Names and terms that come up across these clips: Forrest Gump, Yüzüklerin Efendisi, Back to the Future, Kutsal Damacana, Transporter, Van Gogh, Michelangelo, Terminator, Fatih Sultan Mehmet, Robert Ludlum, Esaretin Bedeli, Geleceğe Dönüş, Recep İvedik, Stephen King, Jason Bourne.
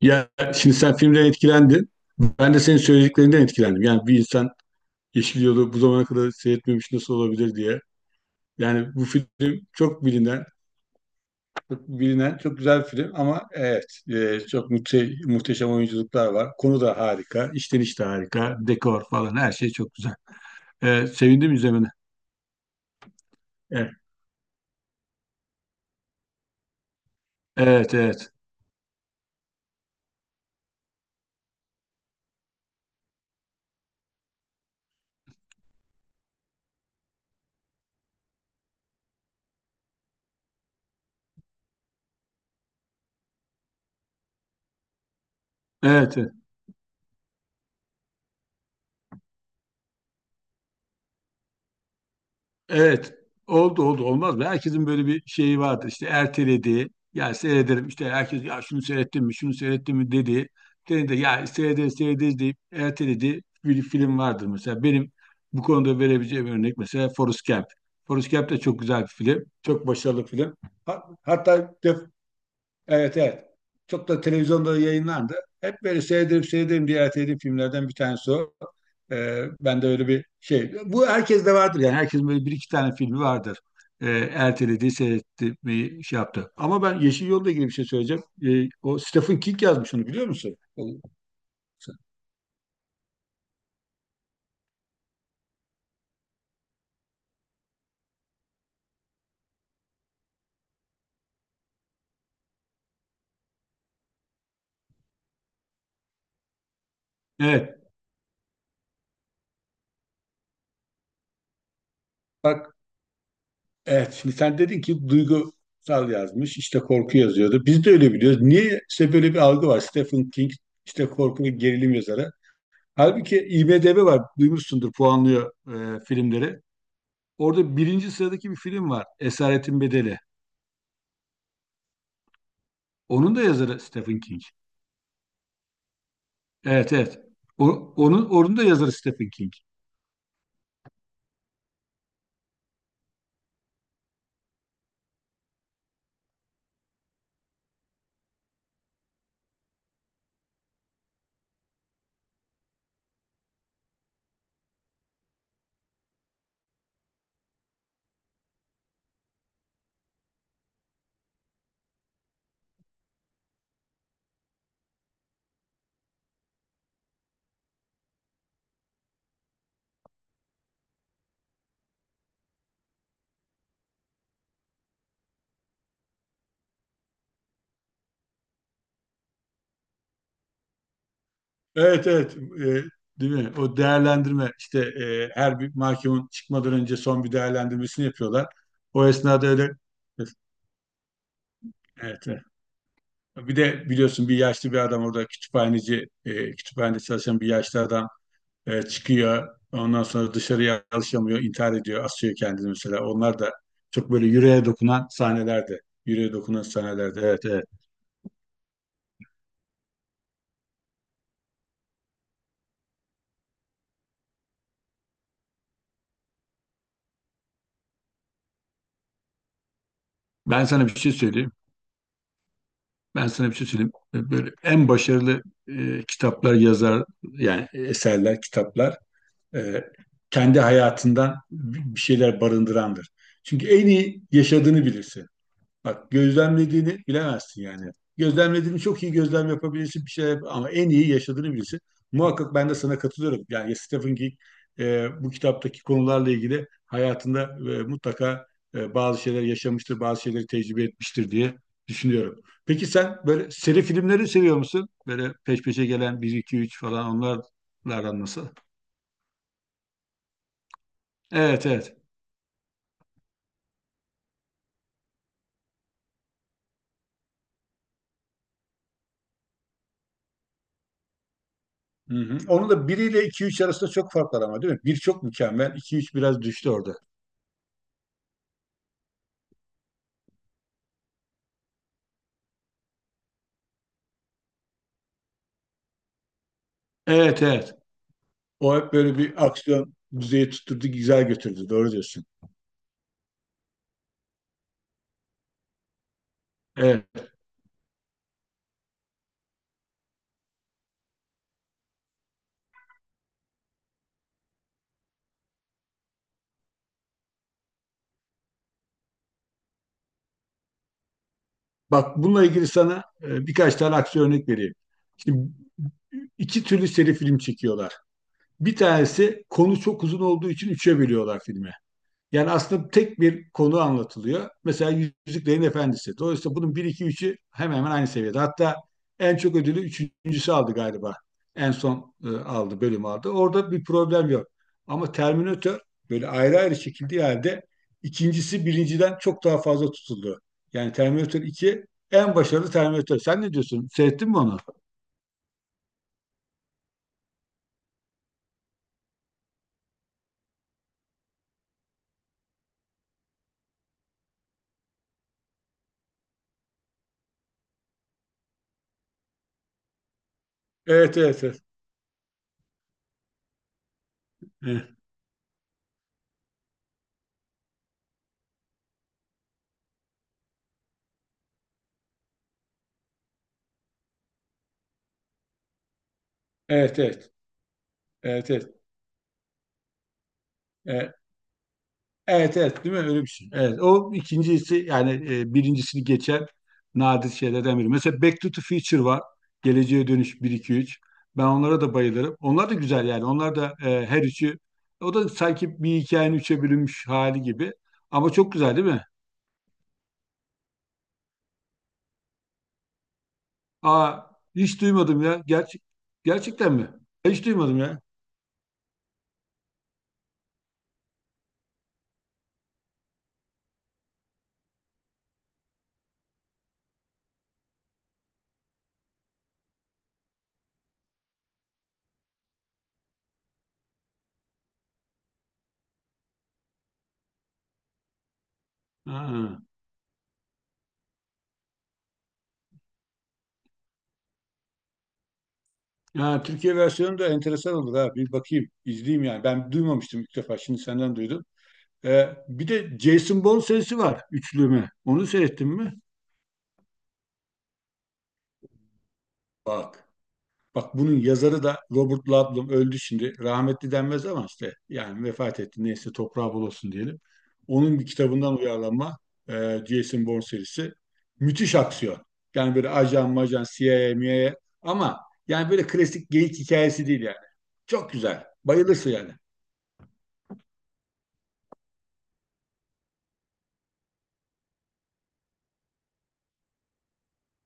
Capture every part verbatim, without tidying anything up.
Ya şimdi sen filmden etkilendin. Ben de senin söylediklerinden etkilendim. Yani bir insan Yeşil Yol'u bu zamana kadar seyretmemiş nasıl olabilir diye. Yani bu film çok bilinen, çok bilinen, çok güzel bir film ama evet e, çok muhte muhteşem oyunculuklar var. Konu da harika, işleniş de harika, dekor falan her şey çok güzel. E, sevindim izlemene. Evet, evet, evet. Evet, evet. Evet. Oldu oldu olmaz mı? Herkesin böyle bir şeyi vardır, İşte ertelediği. Ya seyrederim işte, herkes ya şunu seyrettim mi şunu seyrettim mi dedi. Dedi de ya seyrederiz seyrederiz deyip ertelediği bir film vardır mesela. Benim bu konuda verebileceğim örnek mesela Forrest Gump. Forrest Gump da çok güzel bir film. Çok başarılı film. Ha- Hatta def evet evet. Çok da televizyonda yayınlandı. Hep böyle seyredip seyredip ziyaret edip filmlerden bir tanesi o. Ee, ben de öyle bir şey. Bu herkes de vardır yani. Herkesin böyle bir iki tane filmi vardır. Ee, Ertelediği, seyretti, bir şey yaptı. Ama ben Yeşil Yol'la ilgili bir şey söyleyeceğim. Ee, o Stephen King yazmış, onu biliyor musun? O- Evet. Bak evet, şimdi sen dedin ki duygusal yazmış, işte korku yazıyordu. Biz de öyle biliyoruz. Niye işte böyle bir algı var. Stephen King işte korku ve gerilim yazarı. Halbuki IMDb var, duymuşsundur, puanlıyor e, filmleri. Orada birinci sıradaki bir film var, Esaretin Bedeli. Onun da yazarı Stephen King. Evet, evet. O, onun, onun da yazarı Stephen King. Evet, evet. E, değil mi? O değerlendirme, işte e, her bir mahkumun çıkmadan önce son bir değerlendirmesini yapıyorlar. O esnada öyle... Evet, evet. Bir de biliyorsun bir yaşlı bir adam orada kütüphaneci, e, kütüphanede çalışan bir yaşlı adam. E, çıkıyor. Ondan sonra dışarıya alışamıyor, intihar ediyor, asıyor kendini mesela. Onlar da çok böyle yüreğe dokunan sahnelerde. Yüreğe dokunan sahnelerde. Evet, evet. Ben sana bir şey söyleyeyim. Ben sana bir şey söyleyeyim. E, Böyle en başarılı e, kitaplar yazar, yani eserler, kitaplar, e, kendi hayatından bir şeyler barındırandır. Çünkü en iyi yaşadığını bilirsin. Bak, gözlemlediğini bilemezsin yani. Gözlemlediğini çok iyi gözlem yapabilirsin, bir şey yap- ama en iyi yaşadığını bilirsin. Muhakkak ben de sana katılıyorum. Yani Yes, Stephen King e, bu kitaptaki konularla ilgili hayatında e, mutlaka e, bazı şeyler yaşamıştır, bazı şeyleri tecrübe etmiştir diye düşünüyorum. Peki sen böyle seri filmleri seviyor musun? Böyle peş peşe gelen bir iki üç falan, onlarla nasıl? Evet, evet. Hı hı. Onun da biriyle iki üç arasında çok fark var ama değil mi? Bir çok mükemmel, iki üç biraz düştü orada. Evet evet. O hep böyle bir aksiyon düzeyi tutturdu, güzel götürdü. Doğru diyorsun. Evet. Bak, bununla ilgili sana e, birkaç tane aksiyon örnek vereyim. Şimdi iki türlü seri film çekiyorlar. Bir tanesi konu çok uzun olduğu için üçe bölüyorlar filmi. Yani aslında tek bir konu anlatılıyor. Mesela Yüzüklerin Efendisi. Dolayısıyla bunun bir iki üçü hemen hemen aynı seviyede. Hatta en çok ödülü üçüncüsü aldı galiba. En son e, aldı, bölüm aldı. Orada bir problem yok. Ama Terminator böyle ayrı ayrı çekildiği halde ikincisi birinciden çok daha fazla tutuldu. Yani Terminator iki en başarılı Terminator. Sen ne diyorsun? Seyrettin mi onu? Evet evet evet. Evet. Evet evet. Evet evet. Evet evet değil mi? Öyle bir şey. Evet. O ikincisi yani e, birincisini geçen nadir şeylerden biri. Mesela Back to the Future var. Geleceğe Dönüş bir iki üç, ben onlara da bayılırım. Onlar da güzel yani. Onlar da, e, her üçü, o da sanki bir hikayenin üçe bölünmüş hali gibi. Ama çok güzel değil mi? Aa, hiç duymadım ya. Gerçek gerçekten mi? Hiç duymadım ya. Ha. Ya Türkiye versiyonu da enteresan olur ha. Bir bakayım, izleyeyim yani. Ben duymamıştım, ilk defa. Şimdi senden duydum. Ee, bir de Jason Bourne serisi var, üçlüme. Onu seyrettin mi? Bak. Bak, bunun yazarı da Robert Ludlum, öldü şimdi. Rahmetli denmez ama işte yani vefat etti. Neyse, toprağı bol olsun diyelim. Onun bir kitabından uyarlanma e, Jason Bourne serisi. Müthiş aksiyon. Yani böyle ajan majan, C I A, M I A, ama yani böyle klasik geyik hikayesi değil yani. Çok güzel. Bayılırsın yani.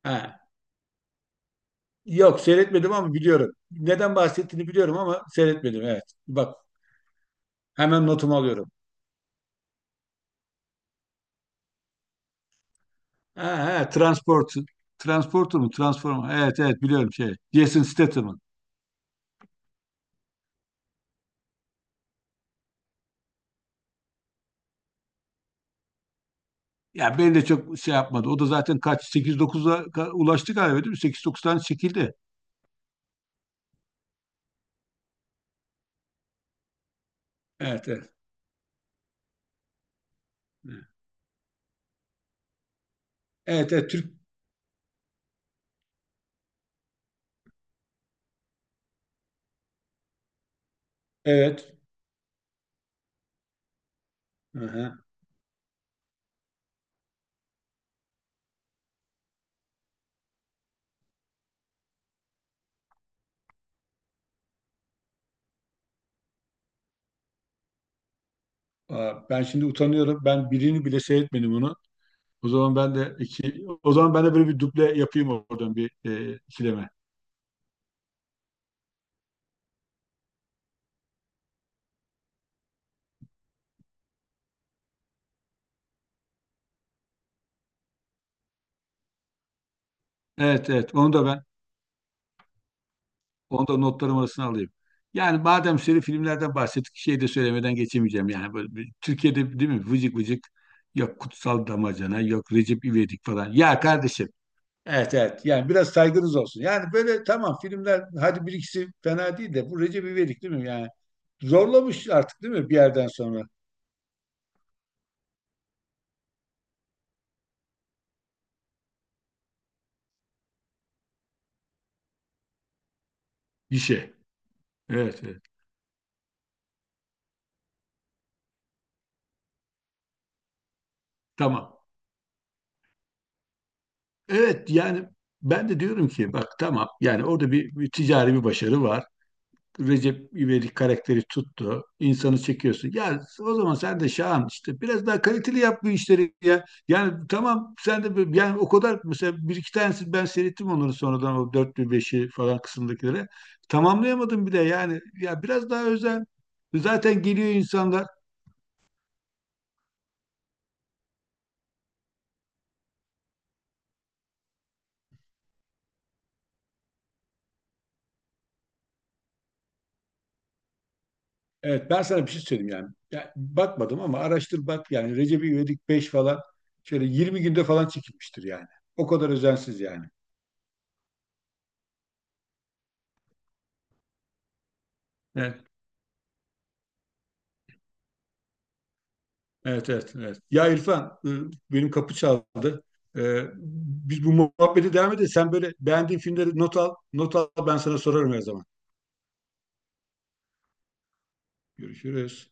Ha. Yok, seyretmedim ama biliyorum. Neden bahsettiğini biliyorum ama seyretmedim, evet. Bak, hemen notumu alıyorum. Ha, ha, Transport, Transporter mu? Transform. Evet evet biliyorum şey. Jason Statham'ın. Ya beni de çok şey yapmadı. O da zaten kaç? sekiz dokuza ka- ulaştı galiba değil mi? sekiz dokuz tane çekildi. Evet evet. Evet evet Türk. Evet. Aha. Aa, ben şimdi utanıyorum. Ben birini bile seyretmedim onu. O zaman ben de iki, o zaman ben de böyle bir duble yapayım oradan bir e, ikileme. Evet evet onu da ben Onu da notlarım arasına alayım. Yani madem şöyle filmlerden bahsettik, şey de söylemeden geçemeyeceğim. Yani böyle bir Türkiye'de değil mi vıcık vıcık, yok Kutsal Damacana, yok Recep İvedik falan. Ya kardeşim. Evet evet, yani biraz saygınız olsun. Yani böyle tamam, filmler hadi bir ikisi fena değil de, bu Recep İvedik değil mi? Yani zorlamış artık değil mi bir yerden sonra? İşe. Evet evet tamam. Evet yani, ben de diyorum ki bak tamam yani, orada bir, bir ticari bir başarı var. Recep İvedik karakteri tuttu. İnsanı çekiyorsun. Ya o zaman sen de Şahan işte biraz daha kaliteli yap bu işleri ya. Yani tamam sen de böyle, yani o kadar mesela bir iki tanesi ben seyrettim onları sonradan, o dört beşi falan kısımdakileri. Tamamlayamadım bir de yani. Ya biraz daha özen. Zaten geliyor insanlar. Evet ben sana bir şey söyleyeyim yani. Ya, bakmadım ama araştır bak, yani Recep İvedik beş falan şöyle yirmi günde falan çekilmiştir yani. O kadar özensiz yani. Evet. Evet, evet, evet. Ya İrfan, e, benim kapı çaldı. E, biz bu muhabbete devam edelim. Sen böyle beğendiğin filmleri not al, not al, ben sana sorarım her zaman. Görüşürüz.